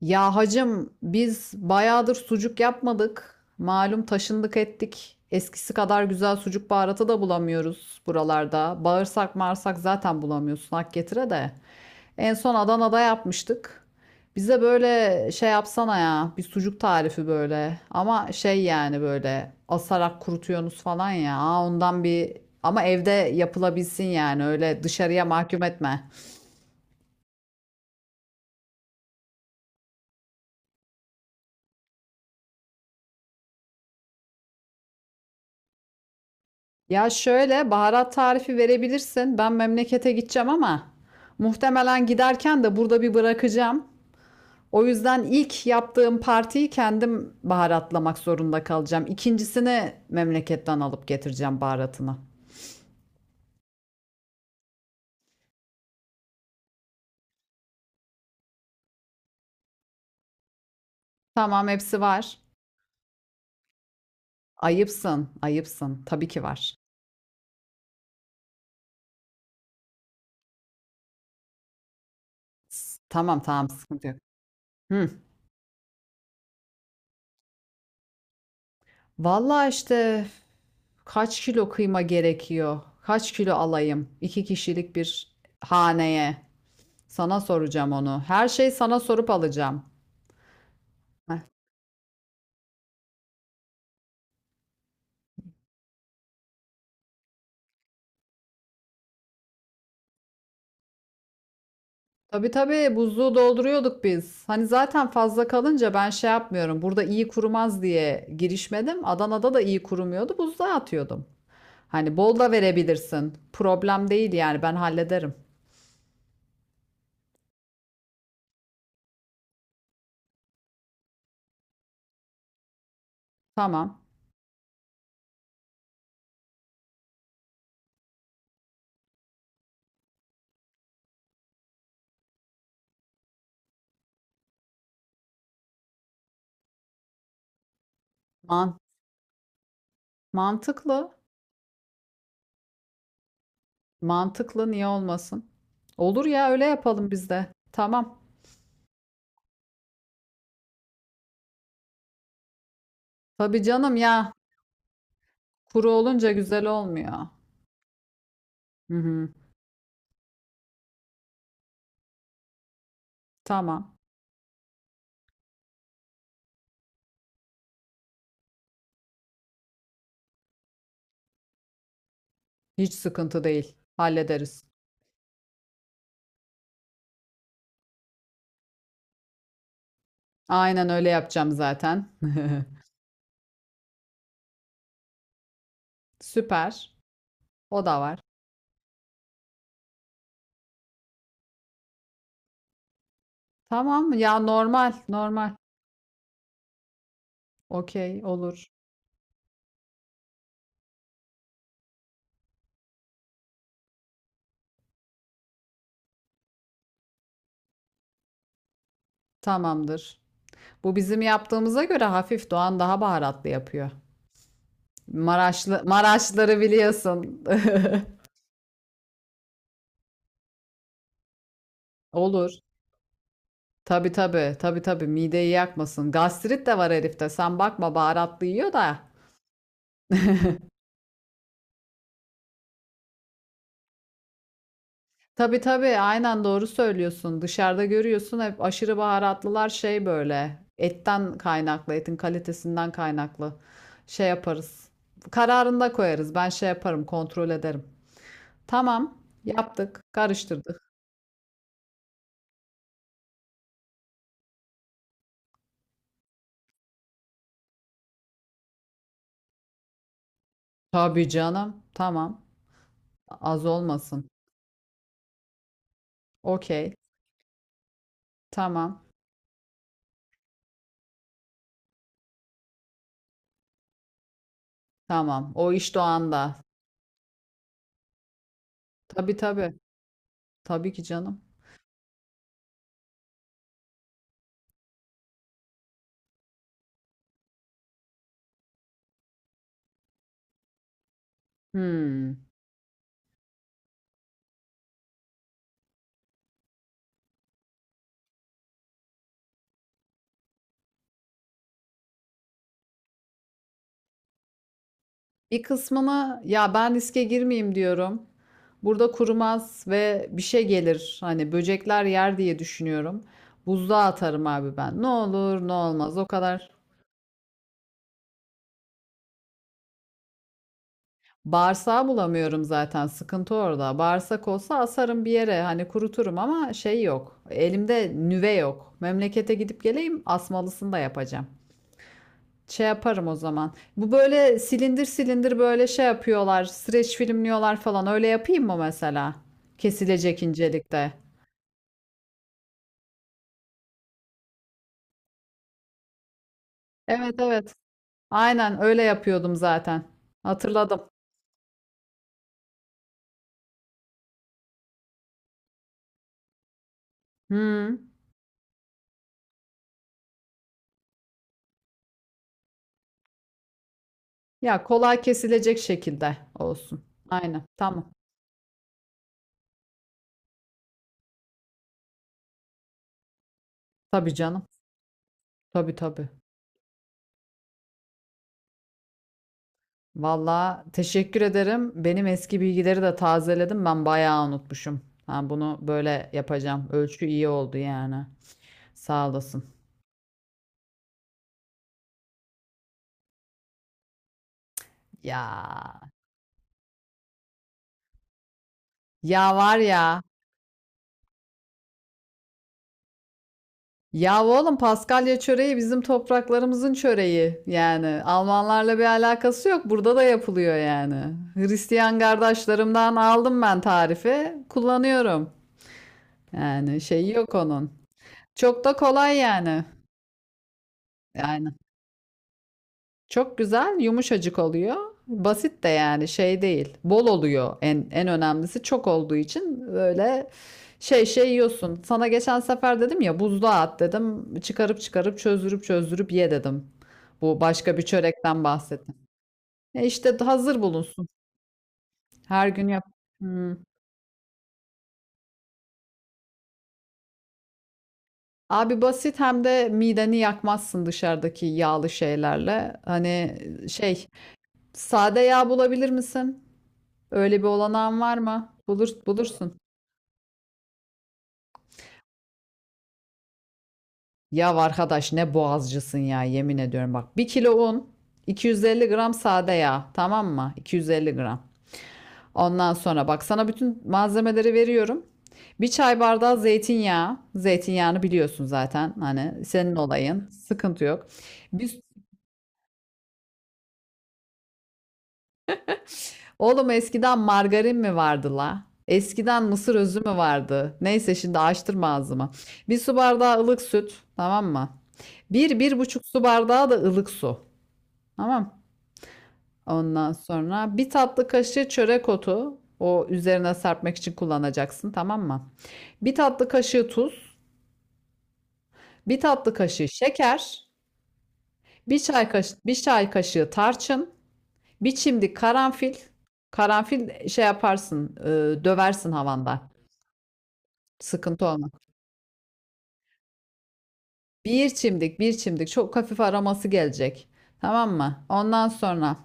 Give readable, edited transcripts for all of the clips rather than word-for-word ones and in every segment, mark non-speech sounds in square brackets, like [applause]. Ya hacım biz bayağıdır sucuk yapmadık. Malum taşındık ettik. Eskisi kadar güzel sucuk baharatı da bulamıyoruz buralarda. Bağırsak marsak zaten bulamıyorsun hak getire de. En son Adana'da yapmıştık. Bize böyle şey yapsana ya bir sucuk tarifi böyle. Ama şey yani böyle asarak kurutuyorsunuz falan ya. Aa, ondan bir ama evde yapılabilsin yani öyle dışarıya mahkum etme. Ya şöyle baharat tarifi verebilirsin. Ben memlekete gideceğim ama muhtemelen giderken de burada bir bırakacağım. O yüzden ilk yaptığım partiyi kendim baharatlamak zorunda kalacağım. İkincisini memleketten alıp getireceğim baharatını. Tamam hepsi var. Ayıpsın, ayıpsın. Tabii ki var. Tamam, tamam, sıkıntı yok. Hı. Vallahi işte kaç kilo kıyma gerekiyor? Kaç kilo alayım? İki kişilik bir haneye. Sana soracağım onu. Her şeyi sana sorup alacağım. Heh. Tabii tabii buzluğu dolduruyorduk biz. Hani zaten fazla kalınca ben şey yapmıyorum. Burada iyi kurumaz diye girişmedim. Adana'da da iyi kurumuyordu. Buzluğa atıyordum. Hani bol da verebilirsin. Problem değil yani ben hallederim. Tamam. Man mantıklı. Mantıklı niye olmasın? Olur ya öyle yapalım biz de. Tamam. Tabii canım ya. Kuru olunca güzel olmuyor. Hı hı. Tamam. Hiç sıkıntı değil. Hallederiz. Aynen öyle yapacağım zaten. [laughs] Süper. O da var. Tamam ya, normal normal. Okey olur. Tamamdır. Bu bizim yaptığımıza göre hafif Doğan daha baharatlı yapıyor. Maraşlı, Maraşları biliyorsun. [laughs] Olur. Tabii tabii tabii tabii mideyi yakmasın. Gastrit de var herifte. Sen bakma, baharatlı yiyor da. Tabii tabii aynen doğru söylüyorsun. Dışarıda görüyorsun hep aşırı baharatlılar şey böyle. Etten kaynaklı, etin kalitesinden kaynaklı. Şey yaparız. Kararında koyarız. Ben şey yaparım, kontrol ederim. Tamam, yaptık, karıştırdık. Tabii canım, tamam. Az olmasın. Okey, tamam, tamam. O iş doğanda. Tabii tabii. Tabii ki canım. Hmm. Bir kısmını ya, ben riske girmeyeyim diyorum. Burada kurumaz ve bir şey gelir. Hani böcekler yer diye düşünüyorum. Buzluğa atarım abi ben. Ne olur ne olmaz, o kadar. Bağırsağı bulamıyorum zaten. Sıkıntı orada. Bağırsak olsa asarım bir yere. Hani kuruturum ama şey yok. Elimde nüve yok. Memlekete gidip geleyim, asmalısını da yapacağım. Şey yaparım o zaman. Bu böyle silindir silindir böyle şey yapıyorlar. Streç filmliyorlar falan. Öyle yapayım mı mesela? Kesilecek incelikte. Evet evet. Aynen öyle yapıyordum zaten. Hatırladım. Hmm. Ya kolay kesilecek şekilde olsun. Aynen. Tamam. Tabii canım. Tabii tabii. Valla teşekkür ederim. Benim eski bilgileri de tazeledim. Ben bayağı unutmuşum. Ha, bunu böyle yapacağım. Ölçü iyi oldu yani. Sağ olasın. Ya. Ya var ya. Ya oğlum, Paskalya çöreği bizim topraklarımızın çöreği. Yani Almanlarla bir alakası yok. Burada da yapılıyor yani. Hristiyan kardeşlerimden aldım ben tarifi. Kullanıyorum. Yani şey yok onun. Çok da kolay yani. Yani. Çok güzel, yumuşacık oluyor. Basit de yani, şey değil. Bol oluyor, en önemlisi çok olduğu için böyle şey yiyorsun. Sana geçen sefer dedim ya, buzluğa at dedim. Çıkarıp çıkarıp, çözdürüp çözdürüp ye dedim. Bu başka bir çörekten bahsettim. E işte, hazır bulunsun. Her gün yap. Hmm. Abi basit, hem de mideni yakmazsın dışarıdaki yağlı şeylerle. Hani şey, sade yağ bulabilir misin? Öyle bir olanağın var mı? Bulur, bulursun. Ya arkadaş, ne boğazcısın ya, yemin ediyorum bak. Bir kilo un, 250 gram sade yağ, tamam mı? 250 gram. Ondan sonra bak, sana bütün malzemeleri veriyorum. Bir çay bardağı zeytinyağı. Zeytinyağını biliyorsun zaten, hani senin olayın. Sıkıntı yok. Biz oğlum, eskiden margarin mi vardı la? Eskiden mısır özü mü vardı? Neyse, şimdi açtırma ağzımı. Bir su bardağı ılık süt, tamam mı? Bir, bir buçuk su bardağı da ılık su. Tamam. Ondan sonra bir tatlı kaşığı çörek otu. O üzerine serpmek için kullanacaksın, tamam mı? Bir tatlı kaşığı tuz, bir tatlı kaşığı şeker, bir çay kaşığı tarçın, bir çimdik karanfil. Karanfil şey yaparsın, döversin havanda. Sıkıntı olmaz. Bir çimdik, bir çimdik. Çok hafif aroması gelecek. Tamam mı? Ondan sonra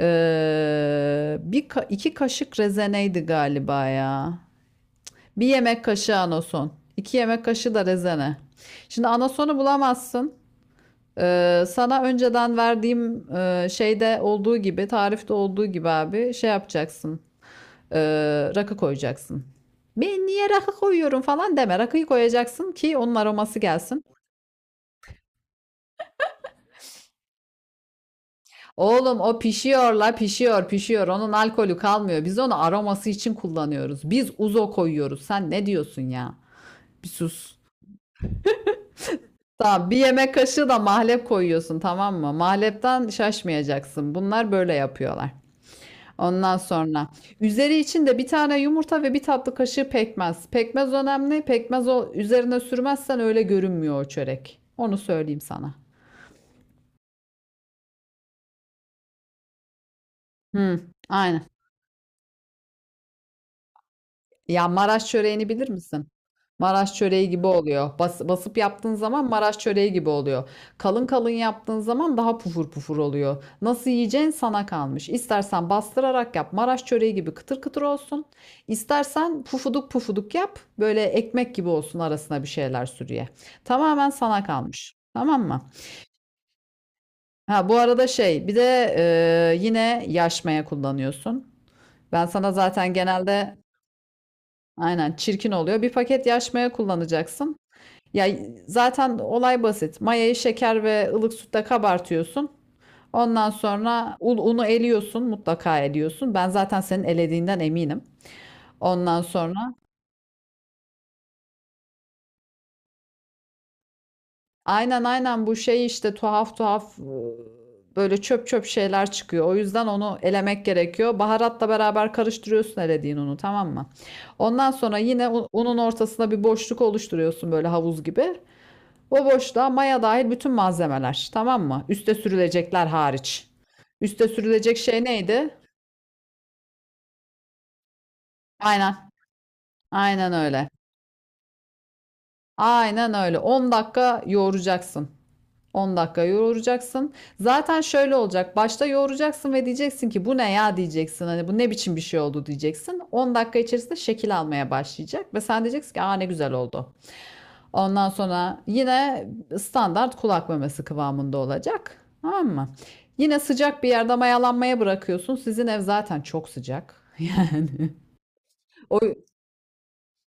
iki kaşık rezeneydi galiba ya. Bir yemek kaşığı anason. İki yemek kaşığı da rezene. Şimdi anasonu bulamazsın. Sana önceden verdiğim şeyde olduğu gibi, tarifte olduğu gibi abi şey yapacaksın. Rakı koyacaksın. Ben niye rakı koyuyorum falan deme. Rakıyı koyacaksın ki onun aroması gelsin. Oğlum o pişiyor la, pişiyor pişiyor. Onun alkolü kalmıyor. Biz onu aroması için kullanıyoruz. Biz uzo koyuyoruz. Sen ne diyorsun ya? Bir sus. Tamam, bir yemek kaşığı da mahlep koyuyorsun, tamam mı? Mahlepten şaşmayacaksın. Bunlar böyle yapıyorlar. Ondan sonra üzeri için de bir tane yumurta ve bir tatlı kaşığı pekmez. Pekmez önemli. Pekmez, o üzerine sürmezsen öyle görünmüyor o çörek. Onu söyleyeyim sana. Hı, aynen. Ya Maraş çöreğini bilir misin? Maraş çöreği gibi oluyor. Bas, basıp yaptığın zaman Maraş çöreği gibi oluyor. Kalın kalın yaptığın zaman daha pufur pufur oluyor. Nasıl yiyeceğin sana kalmış. İstersen bastırarak yap, Maraş çöreği gibi kıtır kıtır olsun. İstersen pufuduk pufuduk yap, böyle ekmek gibi olsun, arasına bir şeyler sür ye. Tamamen sana kalmış. Tamam mı? Ha bu arada şey, bir de yine yaşmaya kullanıyorsun. Ben sana zaten genelde aynen, çirkin oluyor. Bir paket yaş maya kullanacaksın. Ya zaten olay basit. Mayayı şeker ve ılık sütle kabartıyorsun. Ondan sonra unu eliyorsun, mutlaka eliyorsun. Ben zaten senin elediğinden eminim. Ondan sonra aynen aynen, bu şey işte, tuhaf tuhaf böyle çöp çöp şeyler çıkıyor. O yüzden onu elemek gerekiyor. Baharatla beraber karıştırıyorsun elediğin unu, tamam mı? Ondan sonra yine unun ortasına bir boşluk oluşturuyorsun, böyle havuz gibi. Bu boşluğa maya dahil bütün malzemeler, tamam mı? Üste sürülecekler hariç. Üste sürülecek şey neydi? Aynen. Aynen öyle. Aynen öyle. 10 dakika yoğuracaksın. 10 dakika yoğuracaksın. Zaten şöyle olacak. Başta yoğuracaksın ve diyeceksin ki bu ne ya diyeceksin. Hani bu ne biçim bir şey oldu diyeceksin. 10 dakika içerisinde şekil almaya başlayacak ve sen diyeceksin ki, aa ne güzel oldu. Ondan sonra yine standart kulak memesi kıvamında olacak. Tamam mı? Yine sıcak bir yerde mayalanmaya bırakıyorsun. Sizin ev zaten çok sıcak. [laughs] O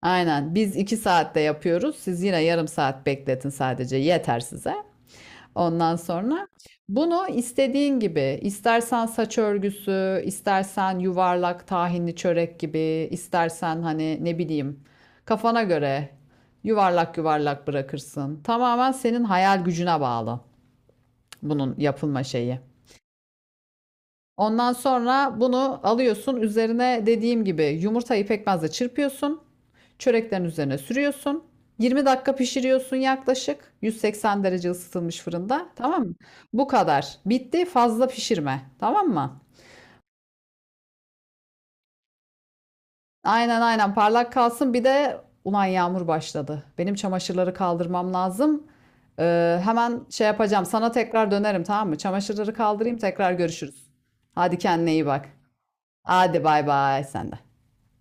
aynen, biz 2 saatte yapıyoruz. Siz yine yarım saat bekletin, sadece yeter size. Ondan sonra bunu istediğin gibi, istersen saç örgüsü, istersen yuvarlak tahinli çörek gibi, istersen hani ne bileyim kafana göre yuvarlak yuvarlak bırakırsın. Tamamen senin hayal gücüne bağlı bunun yapılma şeyi. Ondan sonra bunu alıyorsun. Üzerine dediğim gibi yumurtayı pekmezle çırpıyorsun. Çöreklerin üzerine sürüyorsun. 20 dakika pişiriyorsun yaklaşık 180 derece ısıtılmış fırında. Tamam mı? Bu kadar. Bitti. Fazla pişirme. Tamam mı? Aynen aynen parlak kalsın. Bir de ulan yağmur başladı. Benim çamaşırları kaldırmam lazım. Hemen şey yapacağım. Sana tekrar dönerim, tamam mı? Çamaşırları kaldırayım, tekrar görüşürüz. Hadi kendine iyi bak. Hadi bay bay sen de.